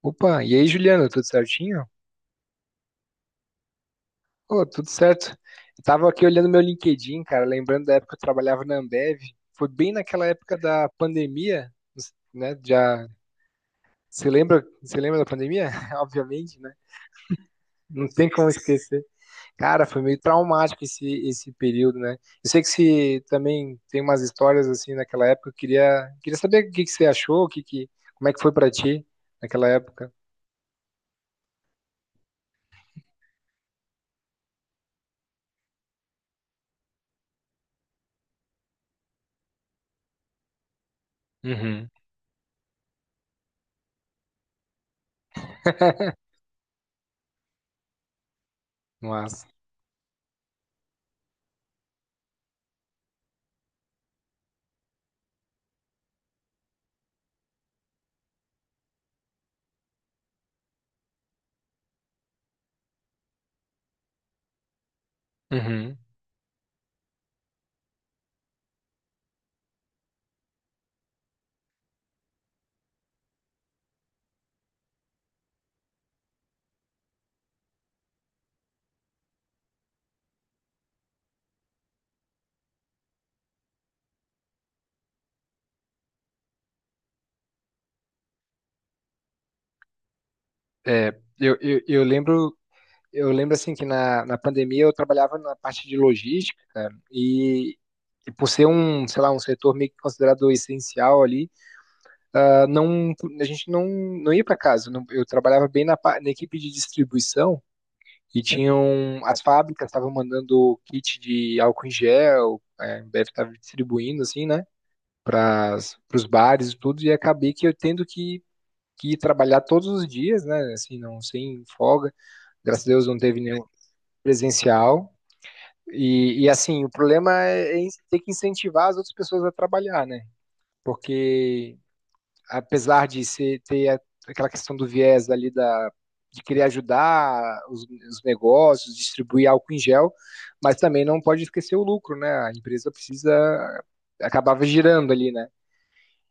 Opa, e aí, Juliana, tudo certinho? Ô, tudo certo. Eu tava aqui olhando meu LinkedIn, cara, lembrando da época que eu trabalhava na Ambev. Foi bem naquela época da pandemia, né? Já você lembra da pandemia? Obviamente, né? Não tem como esquecer. Cara, foi meio traumático esse período, né? Eu sei que você também tem umas histórias assim naquela época. Eu queria saber o que que você achou, o que que como é que foi pra ti naquela época? Uhum. Nossa. É, eu lembro, eu lembro assim que na pandemia eu trabalhava na parte de logística, cara, e por ser um, sei lá, um setor meio que considerado essencial ali, ah, não, a gente não, não ia para casa. Eu trabalhava bem na, na equipe de distribuição, e tinham as fábricas estavam mandando kit de álcool em gel, é, deve estar distribuindo assim, né, para os bares e tudo. E acabei que eu tendo que trabalhar todos os dias, né, assim, não sem folga. Graças a Deus não teve nenhum presencial. E assim, o problema é ter que incentivar as outras pessoas a trabalhar, né? Porque apesar de ser, aquela questão do viés ali da, de querer ajudar os negócios, distribuir álcool em gel, mas também não pode esquecer o lucro, né? A empresa precisa, acabava girando ali, né?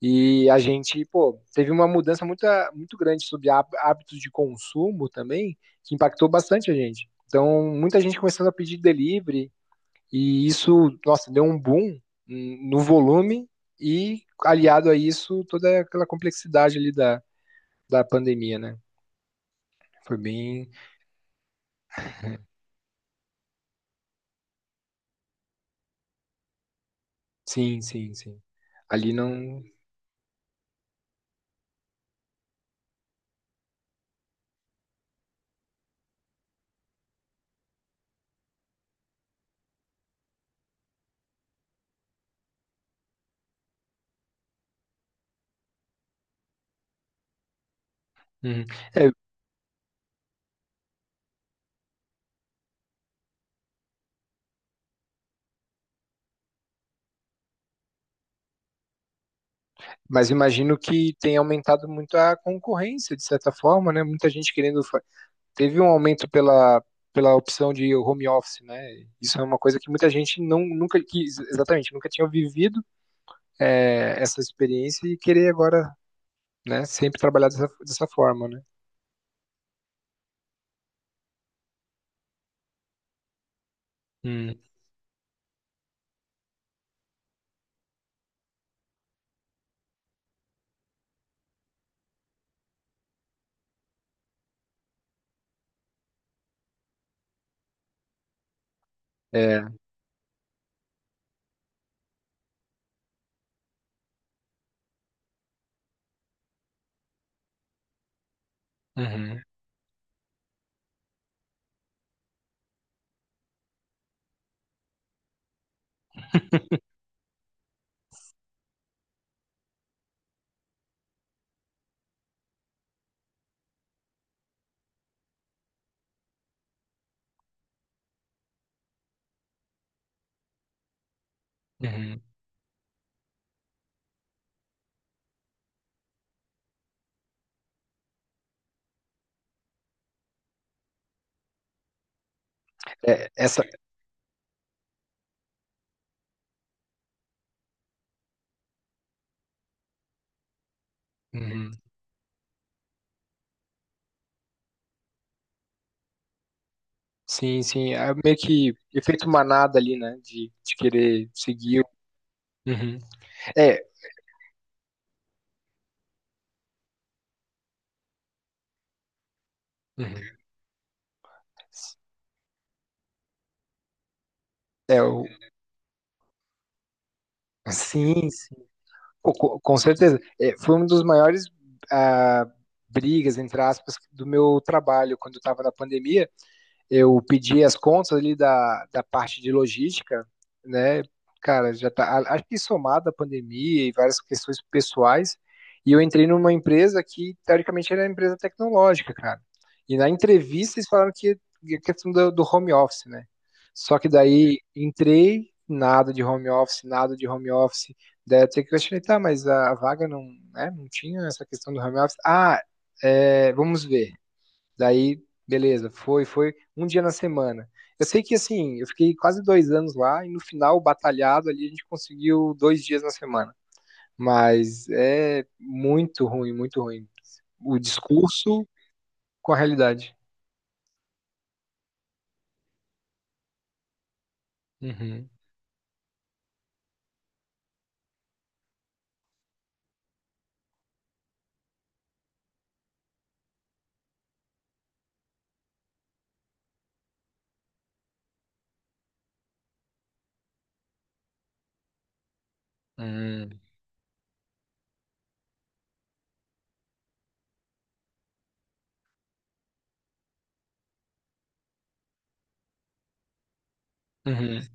E a gente, pô, teve uma mudança muito, muito grande sobre hábitos de consumo também, que impactou bastante a gente. Então, muita gente começando a pedir delivery, e isso, nossa, deu um boom no volume, e aliado a isso, toda aquela complexidade ali da, da pandemia, né? Foi bem. Sim, sim, sim. Ali não. Uhum. É, mas imagino que tenha aumentado muito a concorrência, de certa forma, né? Muita gente querendo, teve um aumento pela, pela opção de home office, né? Isso é uma coisa que muita gente não, nunca quis, exatamente, nunca tinha vivido é, essa experiência e querer agora, né, sempre trabalhar dessa, dessa forma, né? Hum. É. Uhum. Uhum. É, essa. Uhum. Sim, sim, é meio que efeito manada ali, né? De querer seguir. Uhum. É. Uhum. é o, sim. Com certeza. É, foi um dos maiores, ah, brigas, entre aspas, do meu trabalho. Quando eu estava na pandemia eu pedi as contas ali da, da parte de logística, né? Cara, já tá, acho que somado a pandemia e várias questões pessoais, e eu entrei numa empresa que, teoricamente, era uma empresa tecnológica, cara. E na entrevista eles falaram que a questão do, do home office, né? Só que daí entrei, nada de home office, nada de home office. Daí até que eu questionei, tá, mas a vaga não, né, não tinha essa questão do home office. Ah, é, vamos ver. Daí, beleza, foi, foi um dia na semana. Eu sei que assim, eu fiquei quase dois anos lá e no final, batalhado ali, a gente conseguiu dois dias na semana. Mas é muito ruim, muito ruim. O discurso com a realidade. Uhum, uhum, uhum,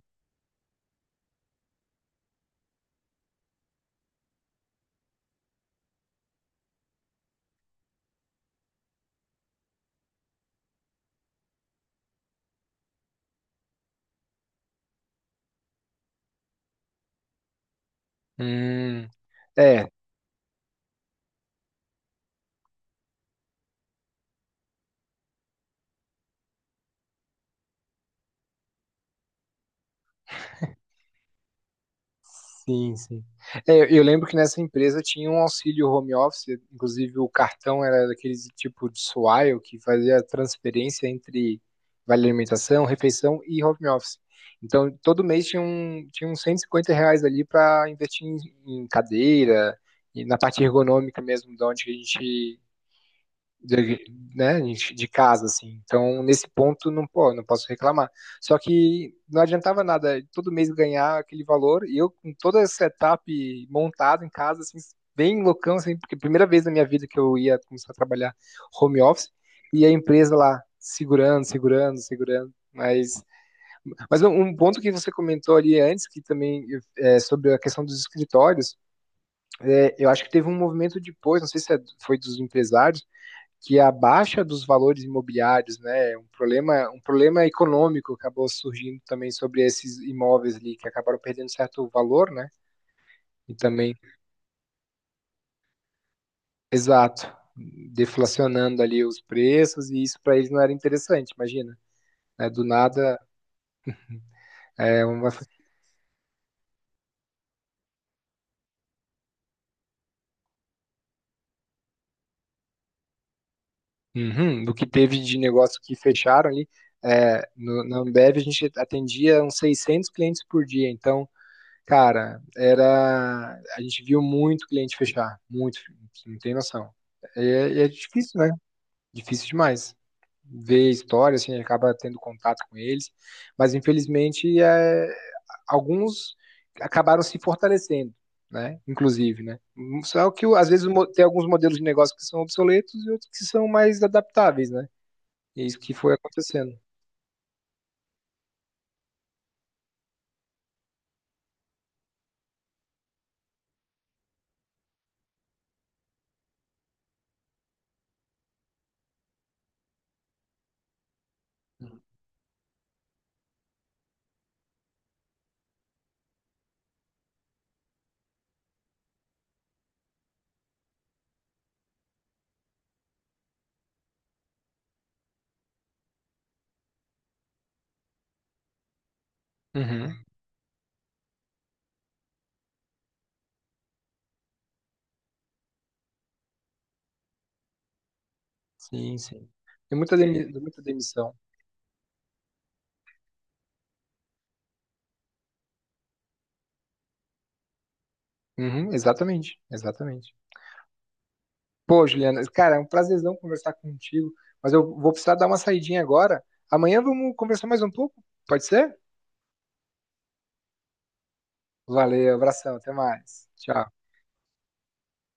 uhum. É. Sim, sim. É, eu lembro que nessa empresa tinha um auxílio home office, inclusive o cartão era daquele tipo de Swile que fazia a transferência entre vale alimentação, refeição e home office. Então, todo mês tinha um, tinha uns R$ 150 ali para investir em, em cadeira, e na parte ergonômica mesmo, de onde a gente de, né, de casa, assim. Então, nesse ponto, não, pô, não posso reclamar. Só que não adiantava nada todo mês ganhar aquele valor e eu, com toda essa etapa montada em casa, assim, bem loucão, assim, porque primeira vez na minha vida que eu ia começar a trabalhar home office e a empresa lá segurando, segurando, segurando. Mas um ponto que você comentou ali antes, que também é sobre a questão dos escritórios, é, eu acho que teve um movimento depois, não sei se é, foi dos empresários, que a baixa dos valores imobiliários, né, um problema econômico acabou surgindo também sobre esses imóveis ali que acabaram perdendo certo valor, né? E também, exato, deflacionando ali os preços e isso para eles não era interessante, imagina, né? Do nada, é, uma, uhum, do que teve de negócio que fecharam ali, é, no, na Ambev a gente atendia uns 600 clientes por dia, então cara, era. A gente viu muito cliente fechar, muito, não tem noção. E é, é difícil, né? Difícil demais. Ver história, assim, acaba tendo contato com eles, mas infelizmente é, alguns acabaram se fortalecendo, né? Inclusive, né? Só que às vezes tem alguns modelos de negócio que são obsoletos e outros que são mais adaptáveis, né? E é isso que foi acontecendo. Uhum. Sim, sim. Tem muita, muita demissão. Uhum, exatamente, exatamente. Pô, Juliana, cara, é um prazerzão conversar contigo, mas eu vou precisar dar uma saidinha agora. Amanhã vamos conversar mais um pouco, pode ser? Valeu, abração, até mais. Tchau.